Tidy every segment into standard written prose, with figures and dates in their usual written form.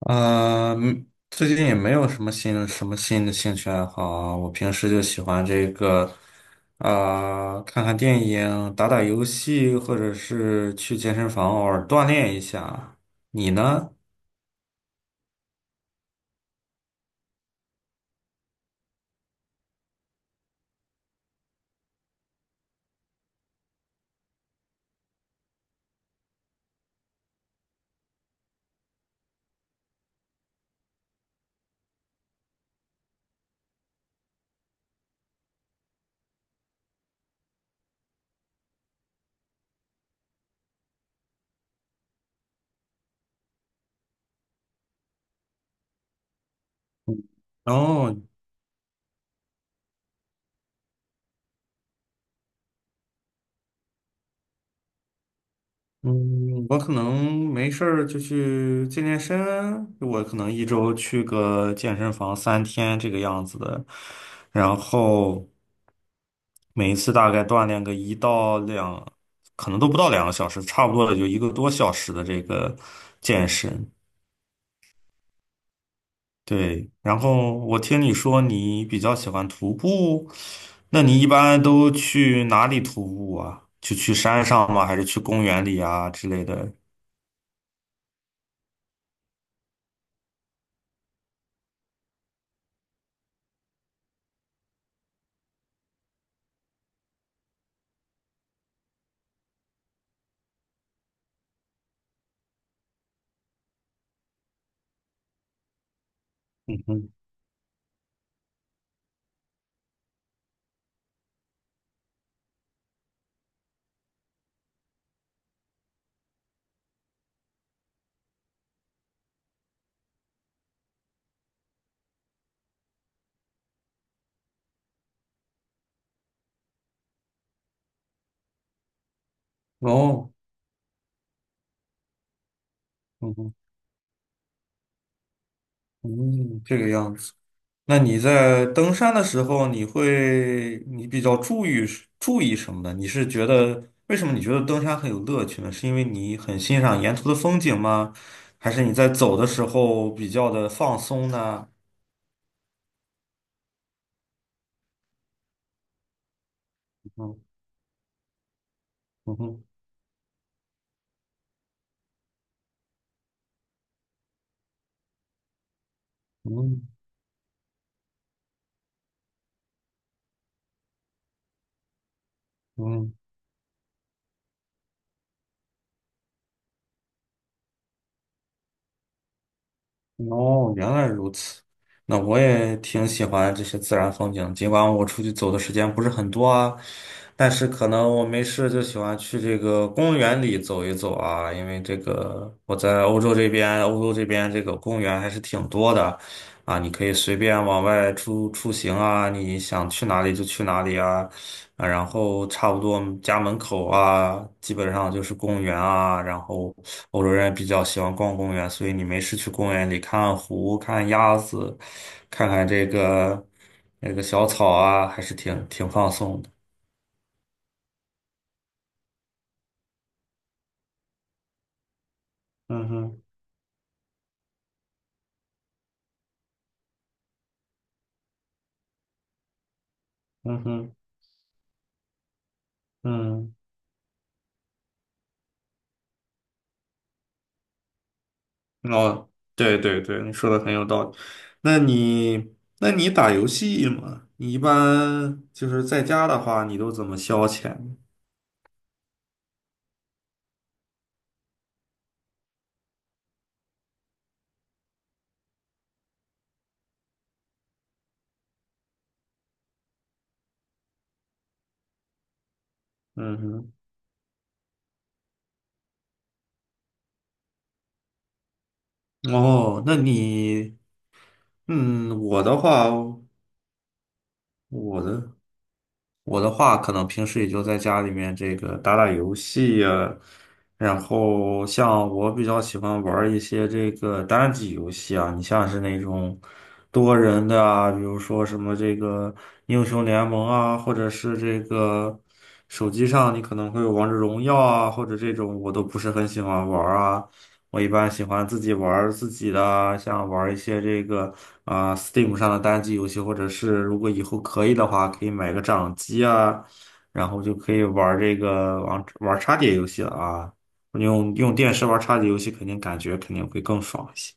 最近也没有什么新的兴趣爱好啊。我平时就喜欢这个，啊、看看电影、打打游戏，或者是去健身房偶尔锻炼一下啊。你呢？哦，嗯，我可能没事儿就去健健身，我可能一周去个健身房3天这个样子的，然后每一次大概锻炼个1到2，可能都不到2个小时，差不多也就1个多小时的这个健身。对，然后我听你说你比较喜欢徒步，那你一般都去哪里徒步啊？就去山上吗？还是去公园里啊之类的？嗯哼。哦，嗯嗯，这个样子。那你在登山的时候，你比较注意什么呢？你是觉得为什么你觉得登山很有乐趣呢？是因为你很欣赏沿途的风景吗？还是你在走的时候比较的放松呢？嗯，嗯哼，嗯嗯。哦，原来如此。那我也挺喜欢这些自然风景，尽管我出去走的时间不是很多啊，但是可能我没事就喜欢去这个公园里走一走啊，因为这个我在欧洲这边，这个公园还是挺多的啊，你可以随便往外出行啊，你想去哪里就去哪里啊，啊，然后差不多家门口啊，基本上就是公园啊。然后欧洲人也比较喜欢逛公园，所以你没事去公园里看看湖、看鸭子，看看这个那个小草啊，还是挺挺放松的。嗯哼，嗯哼，嗯，哦，对对对，你说的很有道理。那你，那你打游戏吗？你一般就是在家的话，你都怎么消遣？嗯哼，哦，那你。嗯，我的我的话，可能平时也就在家里面这个打打游戏呀、然后像我比较喜欢玩儿一些这个单机游戏啊，你像是那种多人的啊，比如说什么这个英雄联盟啊，或者是这个手机上你可能会有王者荣耀啊，或者这种我都不是很喜欢玩儿啊。我一般喜欢自己玩儿自己的，像玩儿一些这个啊、Steam 上的单机游戏，或者是如果以后可以的话，可以买个掌机啊，然后就可以玩儿这个玩儿插碟游戏了啊。用电视玩儿插碟游戏，肯定会更爽一些。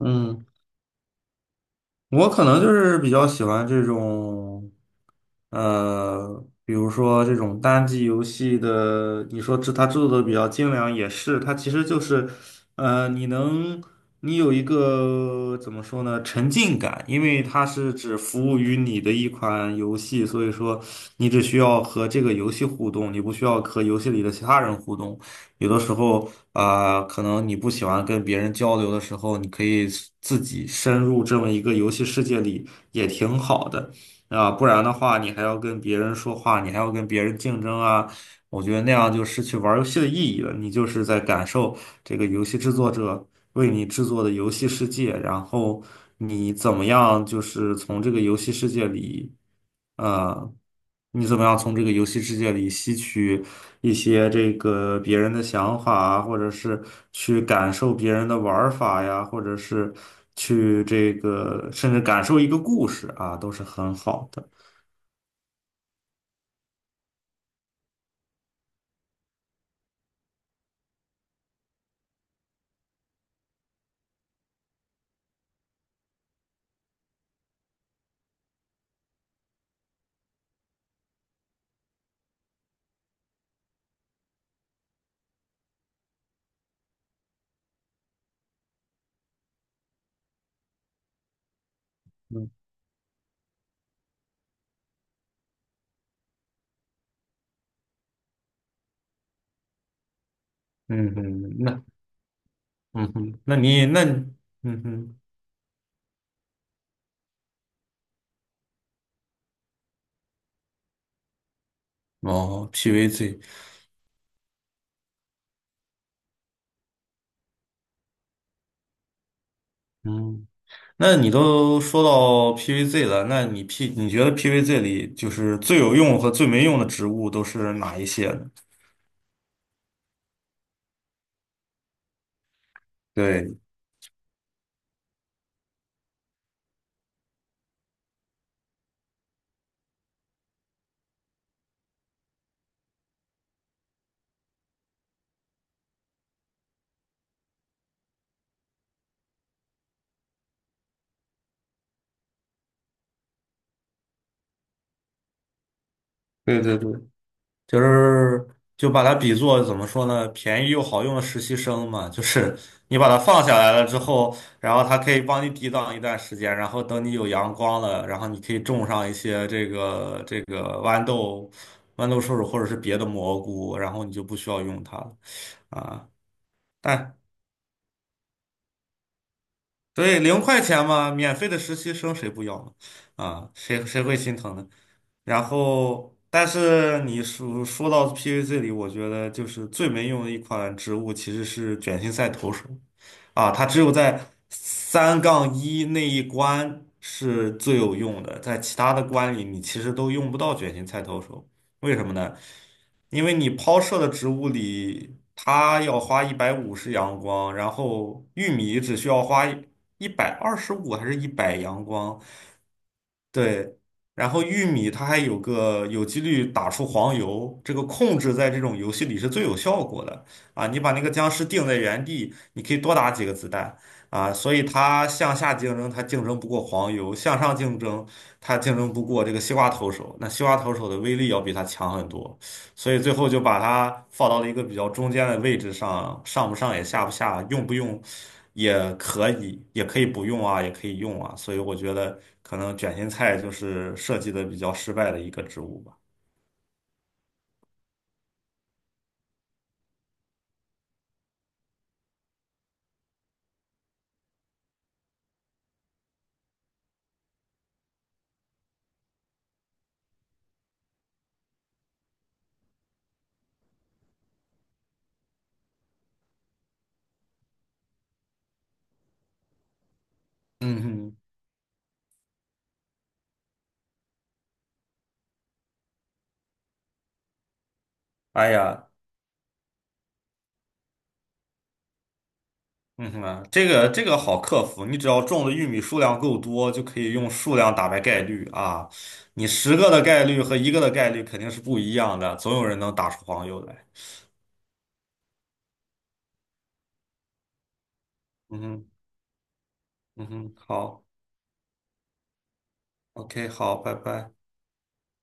嗯。我可能就是比较喜欢这种，比如说这种单机游戏的，你说它制作的比较精良也是，它其实就是，呃，你能你有一个怎么说呢，沉浸感，因为它是只服务于你的一款游戏，所以说你只需要和这个游戏互动，你不需要和游戏里的其他人互动。有的时候啊、可能你不喜欢跟别人交流的时候，你可以自己深入这么一个游戏世界里，也挺好的啊、不然的话，你还要跟别人说话，你还要跟别人竞争啊，我觉得那样就失去玩游戏的意义了。你就是在感受这个游戏制作者为你制作的游戏世界，然后你怎么样，就是从这个游戏世界里。呃，你怎么样从这个游戏世界里吸取一些这个别人的想法啊，或者是去感受别人的玩儿法呀，或者是去这个甚至感受一个故事啊，都是很好的。嗯，嗯哼，那，嗯哼，那你那，嗯哼，哦，PVZ,嗯，那你都说到 PVZ 了，那 你觉得 PVZ 里就是最有用和最没用的植物都是哪一些呢？对。对对对，就是就把它比作怎么说呢，便宜又好用的实习生嘛，就是你把它放下来了之后，然后它可以帮你抵挡一段时间，然后等你有阳光了，然后你可以种上一些这个这个豌豆、豌豆射手或者是别的蘑菇，然后你就不需要用它了啊。但所以零块钱嘛，免费的实习生谁不要呢？啊，谁会心疼呢？然后，但是说到 PVC 里，我觉得就是最没用的一款植物其实是卷心菜投手啊，它只有在3-1那一关是最有用的，在其他的关里你其实都用不到卷心菜投手，为什么呢？因为你抛射的植物里，它要花150阳光，然后玉米只需要花125还是100阳光，对，然后玉米它还有个有几率打出黄油，这个控制在这种游戏里是最有效果的啊！你把那个僵尸定在原地，你可以多打几个子弹啊，所以它向下竞争，它竞争不过黄油；向上竞争，它竞争不过这个西瓜投手。那西瓜投手的威力要比它强很多。所以最后就把它放到了一个比较中间的位置上，上不上也下不下，用不用也可以，也可以不用啊，也可以用啊。所以我觉得可能卷心菜就是设计的比较失败的一个植物吧。嗯哼，哎呀，嗯哼啊，这个好克服，你只要种的玉米数量够多，就可以用数量打败概率啊。你10个的概率和一个的概率肯定是不一样的，总有人能打出黄油来。嗯哼，嗯哼，好，OK,好，拜拜。